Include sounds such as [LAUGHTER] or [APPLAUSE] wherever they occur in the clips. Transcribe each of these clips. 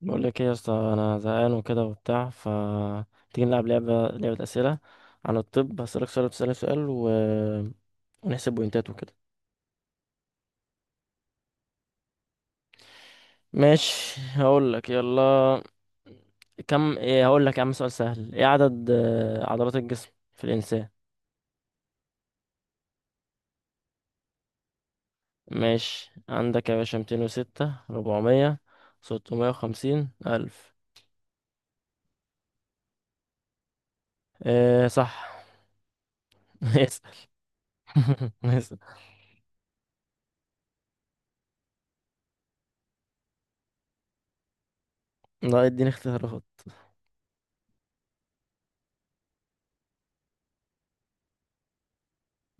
بقول لك ايه يا اسطى، انا زهقان وكده وبتاع ف تيجي نلعب لعبه اسئله عن الطب. هسألك سؤال وتسألني سؤال ونحسب بوينتات وكده. ماشي، هقول لك، يلا. كم؟ ايه؟ هقول لك يا عم، سؤال سهل: ايه عدد عضلات الجسم في الانسان؟ ماشي، عندك يا باشا 206، 400 650 1000 ايه صح. [LAUGHS] اسأل. [LAUGHS] اسأل. لا، اديني اختيارات.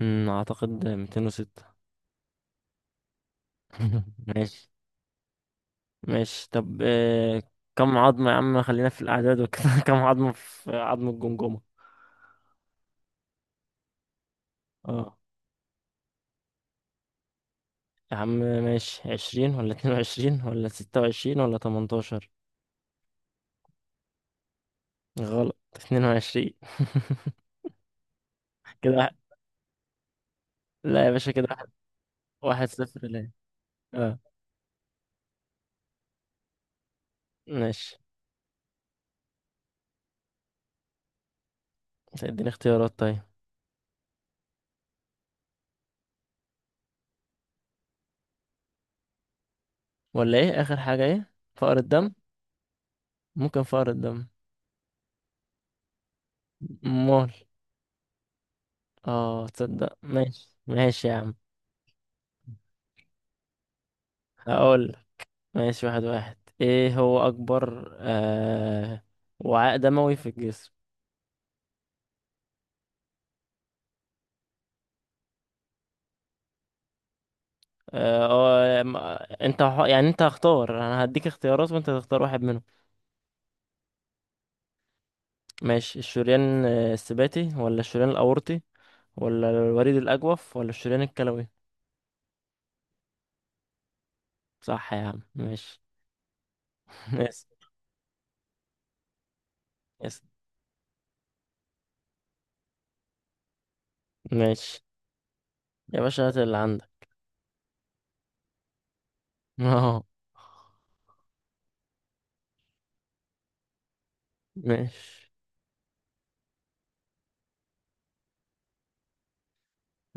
اعتقد 206. [LAUGHS] ماشي ماشي. طب كم عظمة يا عم، خلينا في الأعداد وكده. [LAUGHS] كم عظمة في عظم الجمجمة؟ اه، يا عم ماشي: 20 ولا 22 ولا 26 ولا 18؟ غلط، 22. [LAUGHS] كده لا يا باشا، كده واحد. 1-0 ليه. اه، ماشي، اديني اختيارات طيب. ولا ايه آخر حاجة؟ ايه، فقر الدم؟ ممكن فقر الدم. مول. اه تصدق، ماشي ماشي يا عم. هقول. ماشي، 1-1. ايه هو اكبر وعاء دموي في الجسم؟ اه، انت يعني انت هختار، انا هديك اختيارات وانت تختار واحد منهم. ماشي، الشريان السباتي ولا الشريان الاورطي ولا الوريد الاجوف ولا الشريان الكلوي؟ صح يا عم، ماشي. [LAUGHS] يس يس. ماشي يا باشا، هات اللي عندك. [LAUGHS] اه، ماشي.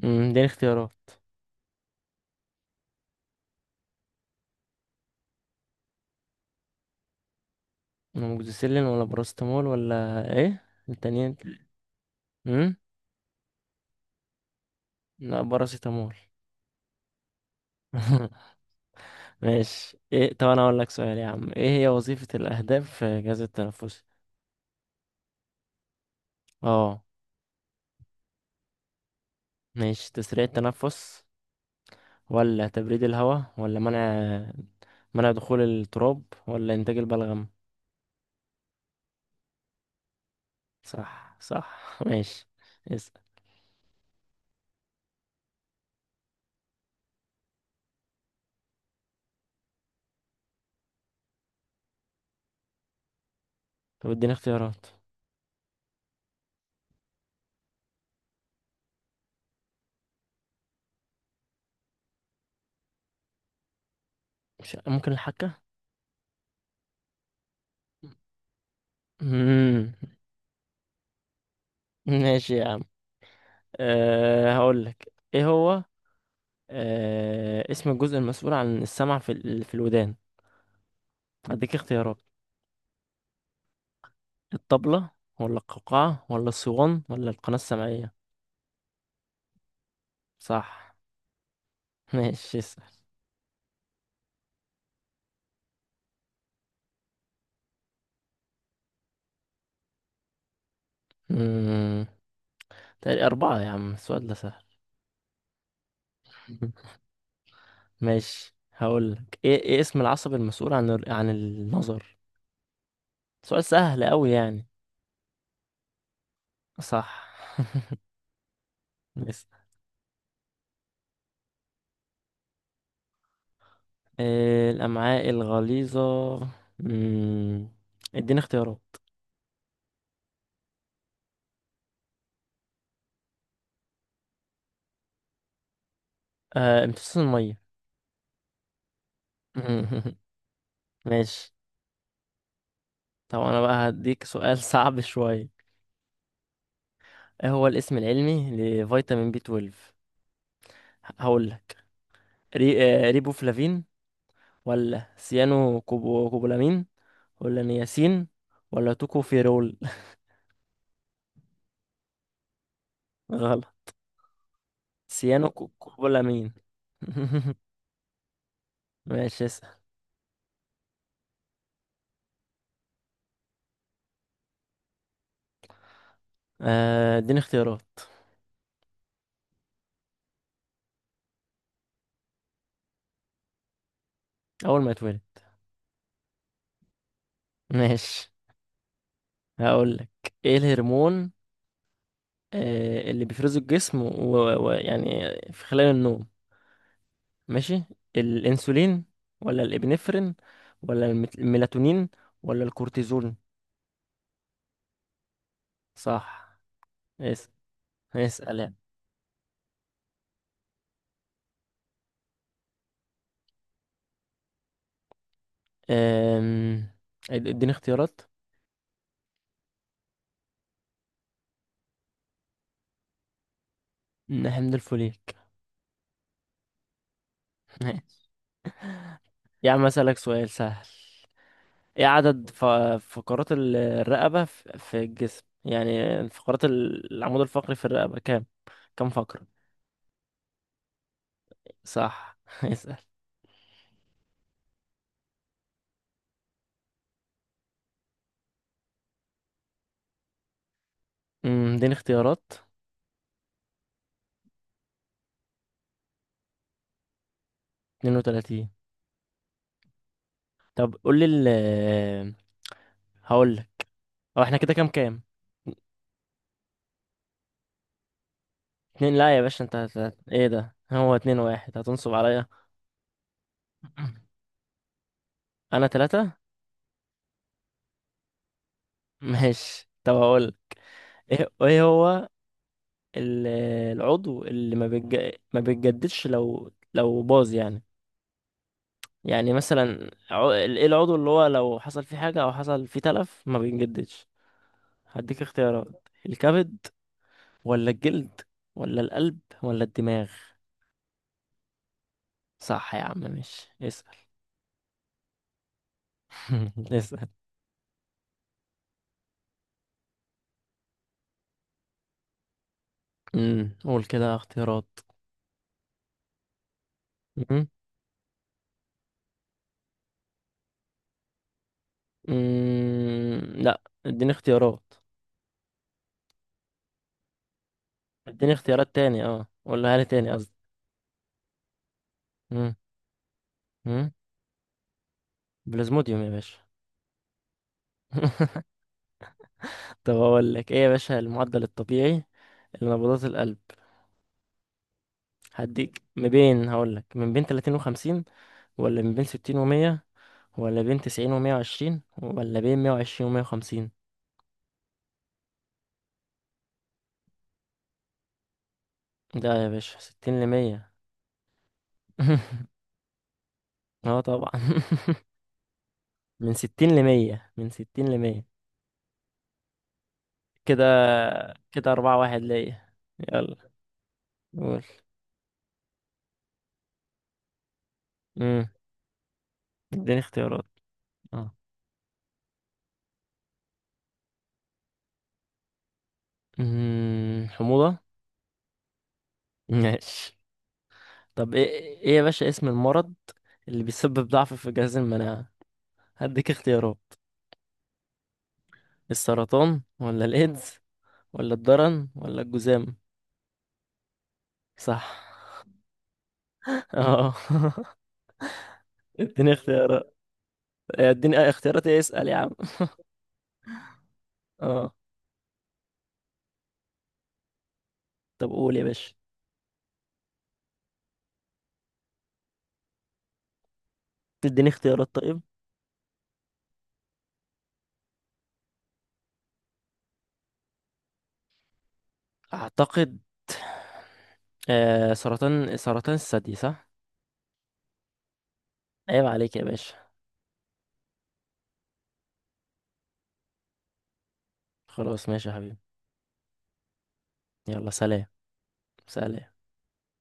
اديني اختيارات: اموكسيسيلين ولا باراستامول ولا ايه التانيين؟ امم لا، باراسيتامول. [LAUGHS] ماشي ايه. طب انا اقول لك سؤال يا عم: ايه هي وظيفة الاهداف في الجهاز التنفسي؟ اه، ماشي: تسريع التنفس ولا تبريد الهواء ولا منع دخول التراب ولا انتاج البلغم؟ صح صح. [LAUGHS] ماشي، اسأل. طب اديني اختيارات. مش ممكن الحكة. مم. [LAUGHS] ماشي يا عم. هقول لك ايه هو، اسم الجزء المسؤول عن السمع في في الودان؟ هديك اختيارات: الطبلة ولا القوقعة ولا الصوان ولا القناة السمعية؟ صح. [LAUGHS] ماشي، اسأل. مم. تقريبا 4 يا عم، السؤال ده سهل. [LAUGHS] ماشي. هقولك ايه اسم العصب المسؤول عن عن النظر؟ سؤال سهل أوي يعني. صح. اسأل. إيه الأمعاء الغليظة. مم. اديني اختيارات. آه، امتصاص المية. [LAUGHS] ماشي. طب أنا بقى هديك سؤال، [LAUGHS] صعب شوية. ايه هو الاسم العلمي لفيتامين بي 12؟ هقول لك ري... ريبوفلافين ولا سيانو كوبولامين ولا نياسين ولا توكوفيرول؟ [LAUGHS] غلط. سيانو كوبولامين. [LAUGHS] ماشي، اسأل. اديني اختيارات. اول ما يتولد. ماشي، هقول لك. ايه الهرمون اللي بيفرزه الجسم ويعني يعني في خلال النوم. ماشي: الانسولين ولا الابنفرين ولا الميلاتونين ولا الكورتيزون؟ صح. اسأل. اسأل. أم، اديني اختيارات. حمض الفوليك. ماشي يا عم، اسألك سؤال سهل: ايه عدد فقرات الرقبة في الجسم، يعني فقرات العمود الفقري في الرقبة، كام فقرة؟ صح. [LAUGHS] اسأل. م، اديني اختيارات. 32. طب قول لي هقول لك، هو احنا كده كام كام؟ اتنين. لا يا باشا، انت ايه ده، هو 2-1؟ هتنصب عليا. [CLEARS THROAT] انا 3. ماشي، طب هقول ايه هو ال- العضو اللي ما بيتجددش لو باظ يعني؟ يعني مثلا ايه العضو اللي هو لو حصل فيه حاجة او حصل فيه تلف ما بيتجددش؟ هديك اختيارات: الكبد ولا الجلد ولا القلب ولا الدماغ؟ صح يا عم، ماشي، اسأل. [LAUGHS] اسأل. قول كده اختيارات. امم لا، اديني اختيارات. اديني اختيارات تاني، اه، قولها لي تاني قصدي. امم أمم. بلازموديوم يا باشا. [LAUGHS] طب اقول لك ايه يا باشا، المعدل الطبيعي لنبضات القلب هديك ما بين. هقول لك: من بين 30 و50 ولا من بين 60 و100 ولا بين 90 و120 ولا بين 120 و150؟ ده يا باشا 60 ل 100. [LAUGHS] اه طبعا. [LAUGHS] من 60 ل 100، من 60 ل 100. كده كده 4-1 ليا. يلا قول. امم اديني اختيارات. اه. حموضة. [LAUGHS] ماشي. طب ايه يا باشا اسم المرض اللي بيسبب ضعف في جهاز المناعة؟ هديك اختيارات: السرطان ولا الايدز ولا الضرن ولا الجذام؟ صح. [LAUGHS] اه. [LAUGHS] اديني اختيارات. اديني اختيارات ايه. اسأل يا عم. اه. طب قول يا باشا، تديني اختيارات طيب. اعتقد سرطان الثدي، صح. عيب عليك يا باشا. خلاص ماشي يا حبيبي. يلا سلام. سلام.